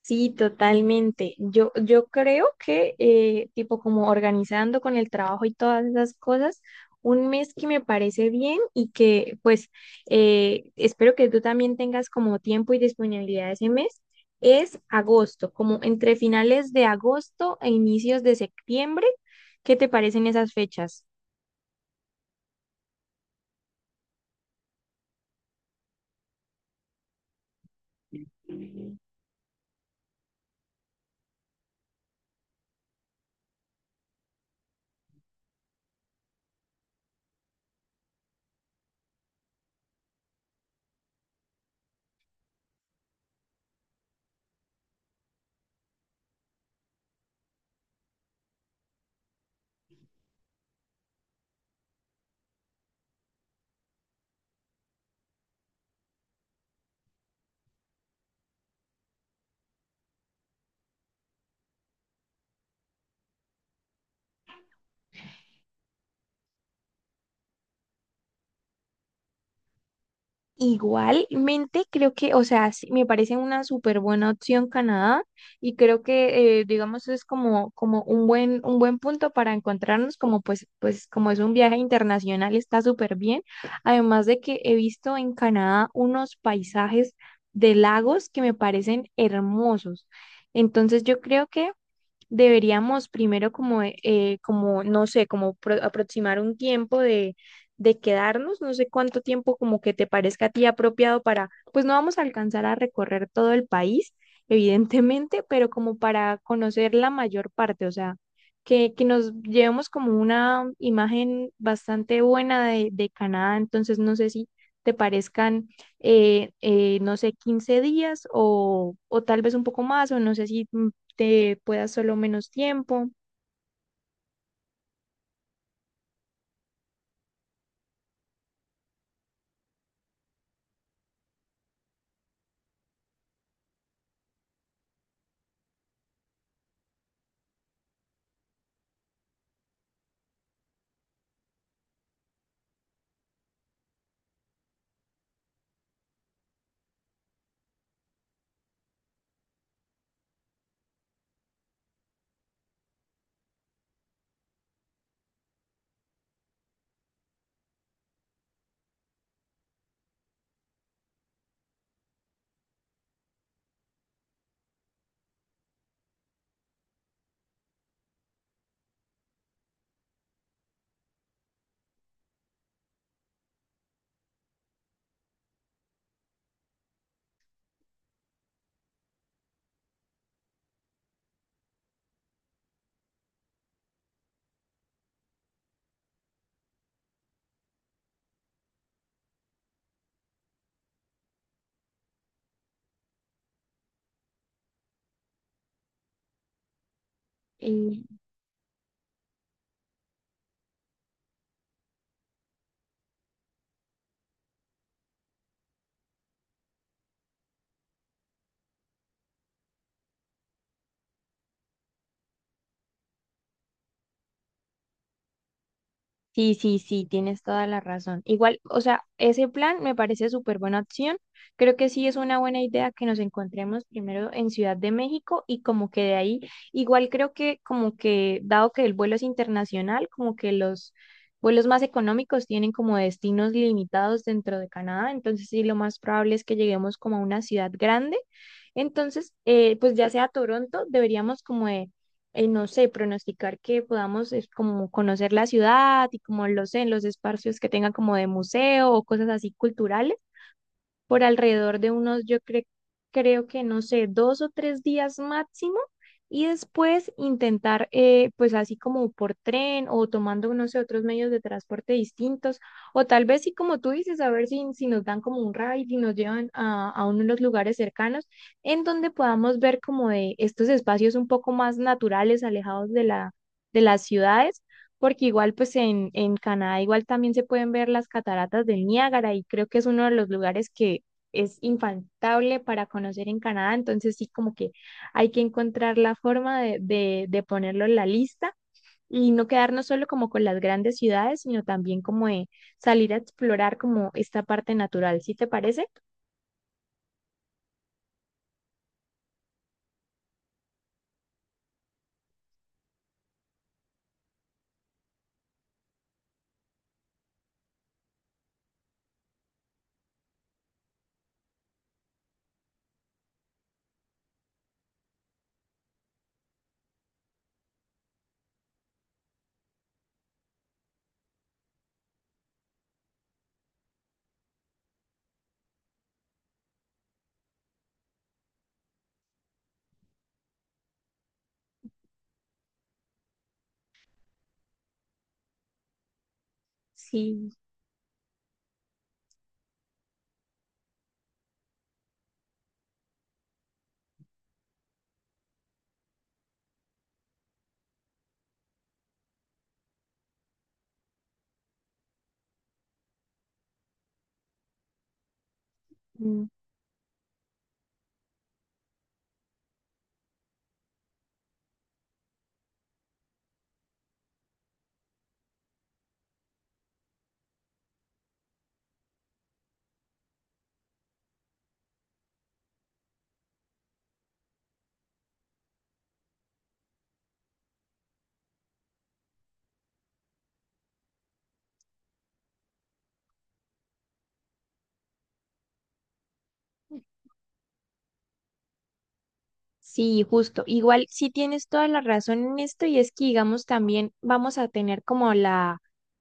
Sí, totalmente. Yo creo que, tipo, como organizando con el trabajo y todas esas cosas, un mes que me parece bien y que, pues, espero que tú también tengas como tiempo y disponibilidad ese mes, es agosto, como entre finales de agosto e inicios de septiembre. ¿Qué te parecen esas fechas? Igualmente, creo que, o sea, sí, me parece una súper buena opción Canadá y creo que, digamos, es como, como un buen punto para encontrarnos, como pues, pues como es un viaje internacional, está súper bien. Además de que he visto en Canadá unos paisajes de lagos que me parecen hermosos. Entonces, yo creo que deberíamos primero como, como no sé, aproximar un tiempo de quedarnos, no sé cuánto tiempo como que te parezca a ti apropiado para, pues no vamos a alcanzar a recorrer todo el país, evidentemente, pero como para conocer la mayor parte, o sea, que nos llevemos como una imagen bastante buena de Canadá, entonces no sé si te parezcan, no sé, 15 días o tal vez un poco más, o no sé si te pueda solo menos tiempo. Y sí, sí, sí, tienes toda la razón. Igual, o sea, ese plan me parece súper buena opción. Creo que sí es una buena idea que nos encontremos primero en Ciudad de México y como que de ahí, igual creo que como que, dado que el vuelo es internacional, como que los vuelos más económicos tienen como destinos limitados dentro de Canadá, entonces sí, lo más probable es que lleguemos como a una ciudad grande. Entonces, pues ya sea Toronto, deberíamos como de no sé, pronosticar que podamos es como conocer la ciudad y como lo sé, en los espacios que tengan como de museo o cosas así culturales, por alrededor de unos, creo que no sé, dos o tres días máximo. Y después intentar, pues así como por tren o tomando, no sé, otros medios de transporte distintos, o tal vez sí como tú dices, a ver si, si nos dan como un ride y nos llevan a uno de los lugares cercanos en donde podamos ver como de estos espacios un poco más naturales, alejados de la, de las ciudades porque igual pues en Canadá igual también se pueden ver las cataratas del Niágara y creo que es uno de los lugares que es infaltable para conocer en Canadá, entonces sí como que hay que encontrar la forma de ponerlo en la lista y no quedarnos solo como con las grandes ciudades, sino también como de salir a explorar como esta parte natural, ¿sí te parece? Sí. Mm. Sí, justo. Igual sí tienes toda la razón en esto y es que, digamos, también vamos a tener como la,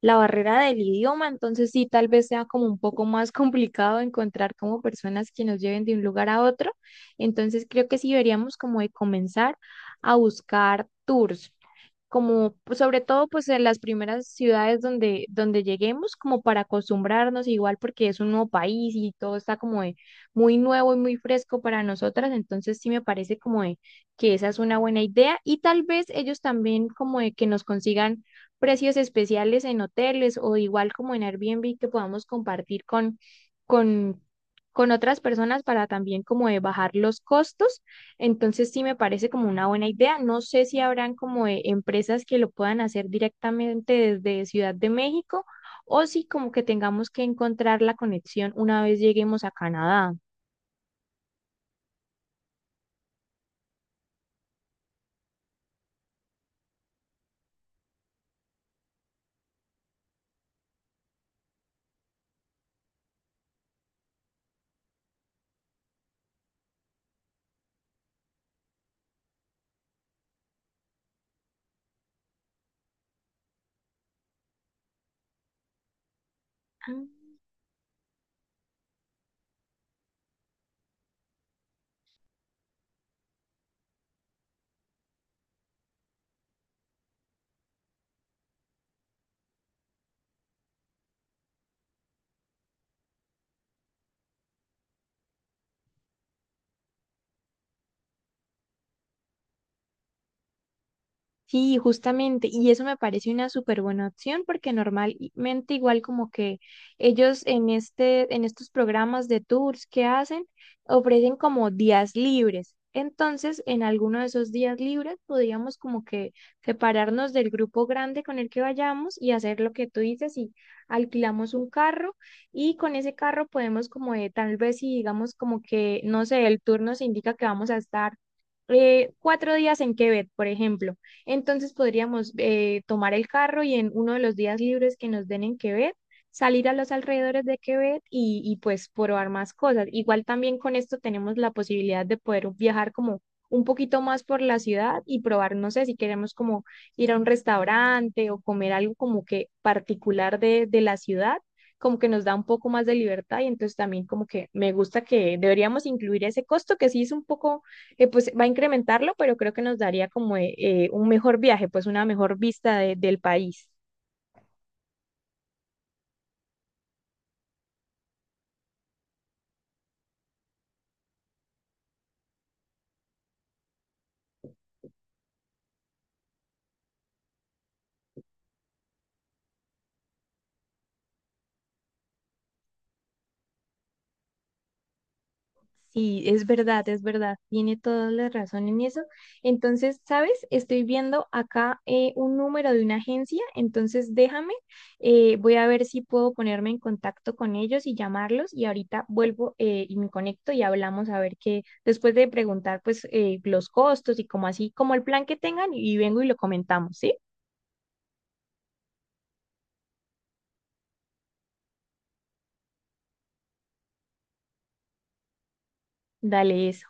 la barrera del idioma, entonces sí, tal vez sea como un poco más complicado encontrar como personas que nos lleven de un lugar a otro. Entonces creo que sí deberíamos como de comenzar a buscar tours como pues, sobre todo pues en las primeras ciudades donde, donde lleguemos, como para acostumbrarnos igual porque es un nuevo país y todo está como de muy nuevo y muy fresco para nosotras, entonces sí me parece como de que esa es una buena idea y tal vez ellos también como de que nos consigan precios especiales en hoteles o igual como en Airbnb que podamos compartir con, con otras personas para también como de bajar los costos entonces sí me parece como una buena idea. No sé si habrán como empresas que lo puedan hacer directamente desde Ciudad de México o si como que tengamos que encontrar la conexión una vez lleguemos a Canadá. Ah. Sí, justamente, y eso me parece una súper buena opción porque normalmente igual como que ellos en este, en estos programas de tours que hacen, ofrecen como días libres. Entonces, en alguno de esos días libres podríamos como que separarnos del grupo grande con el que vayamos y hacer lo que tú dices y alquilamos un carro y con ese carro podemos como de, tal vez si digamos como que, no sé, el tour nos indica que vamos a estar 4 días en Quebec, por ejemplo. Entonces podríamos tomar el carro y en uno de los días libres que nos den en Quebec, salir a los alrededores de Quebec y pues probar más cosas. Igual también con esto tenemos la posibilidad de poder viajar como un poquito más por la ciudad y probar, no sé, si queremos como ir a un restaurante o comer algo como que particular de la ciudad, como que nos da un poco más de libertad y entonces también como que me gusta que deberíamos incluir ese costo que sí es un poco pues va a incrementarlo, pero creo que nos daría como un mejor viaje, pues una mejor vista del país. Sí, es verdad, tiene toda la razón en eso. Entonces, ¿sabes? Estoy viendo acá un número de una agencia, entonces déjame, voy a ver si puedo ponerme en contacto con ellos y llamarlos y ahorita vuelvo y me conecto y hablamos a ver qué, después de preguntar pues los costos y como así, como el plan que tengan y vengo y lo comentamos, ¿sí? Dale, eso.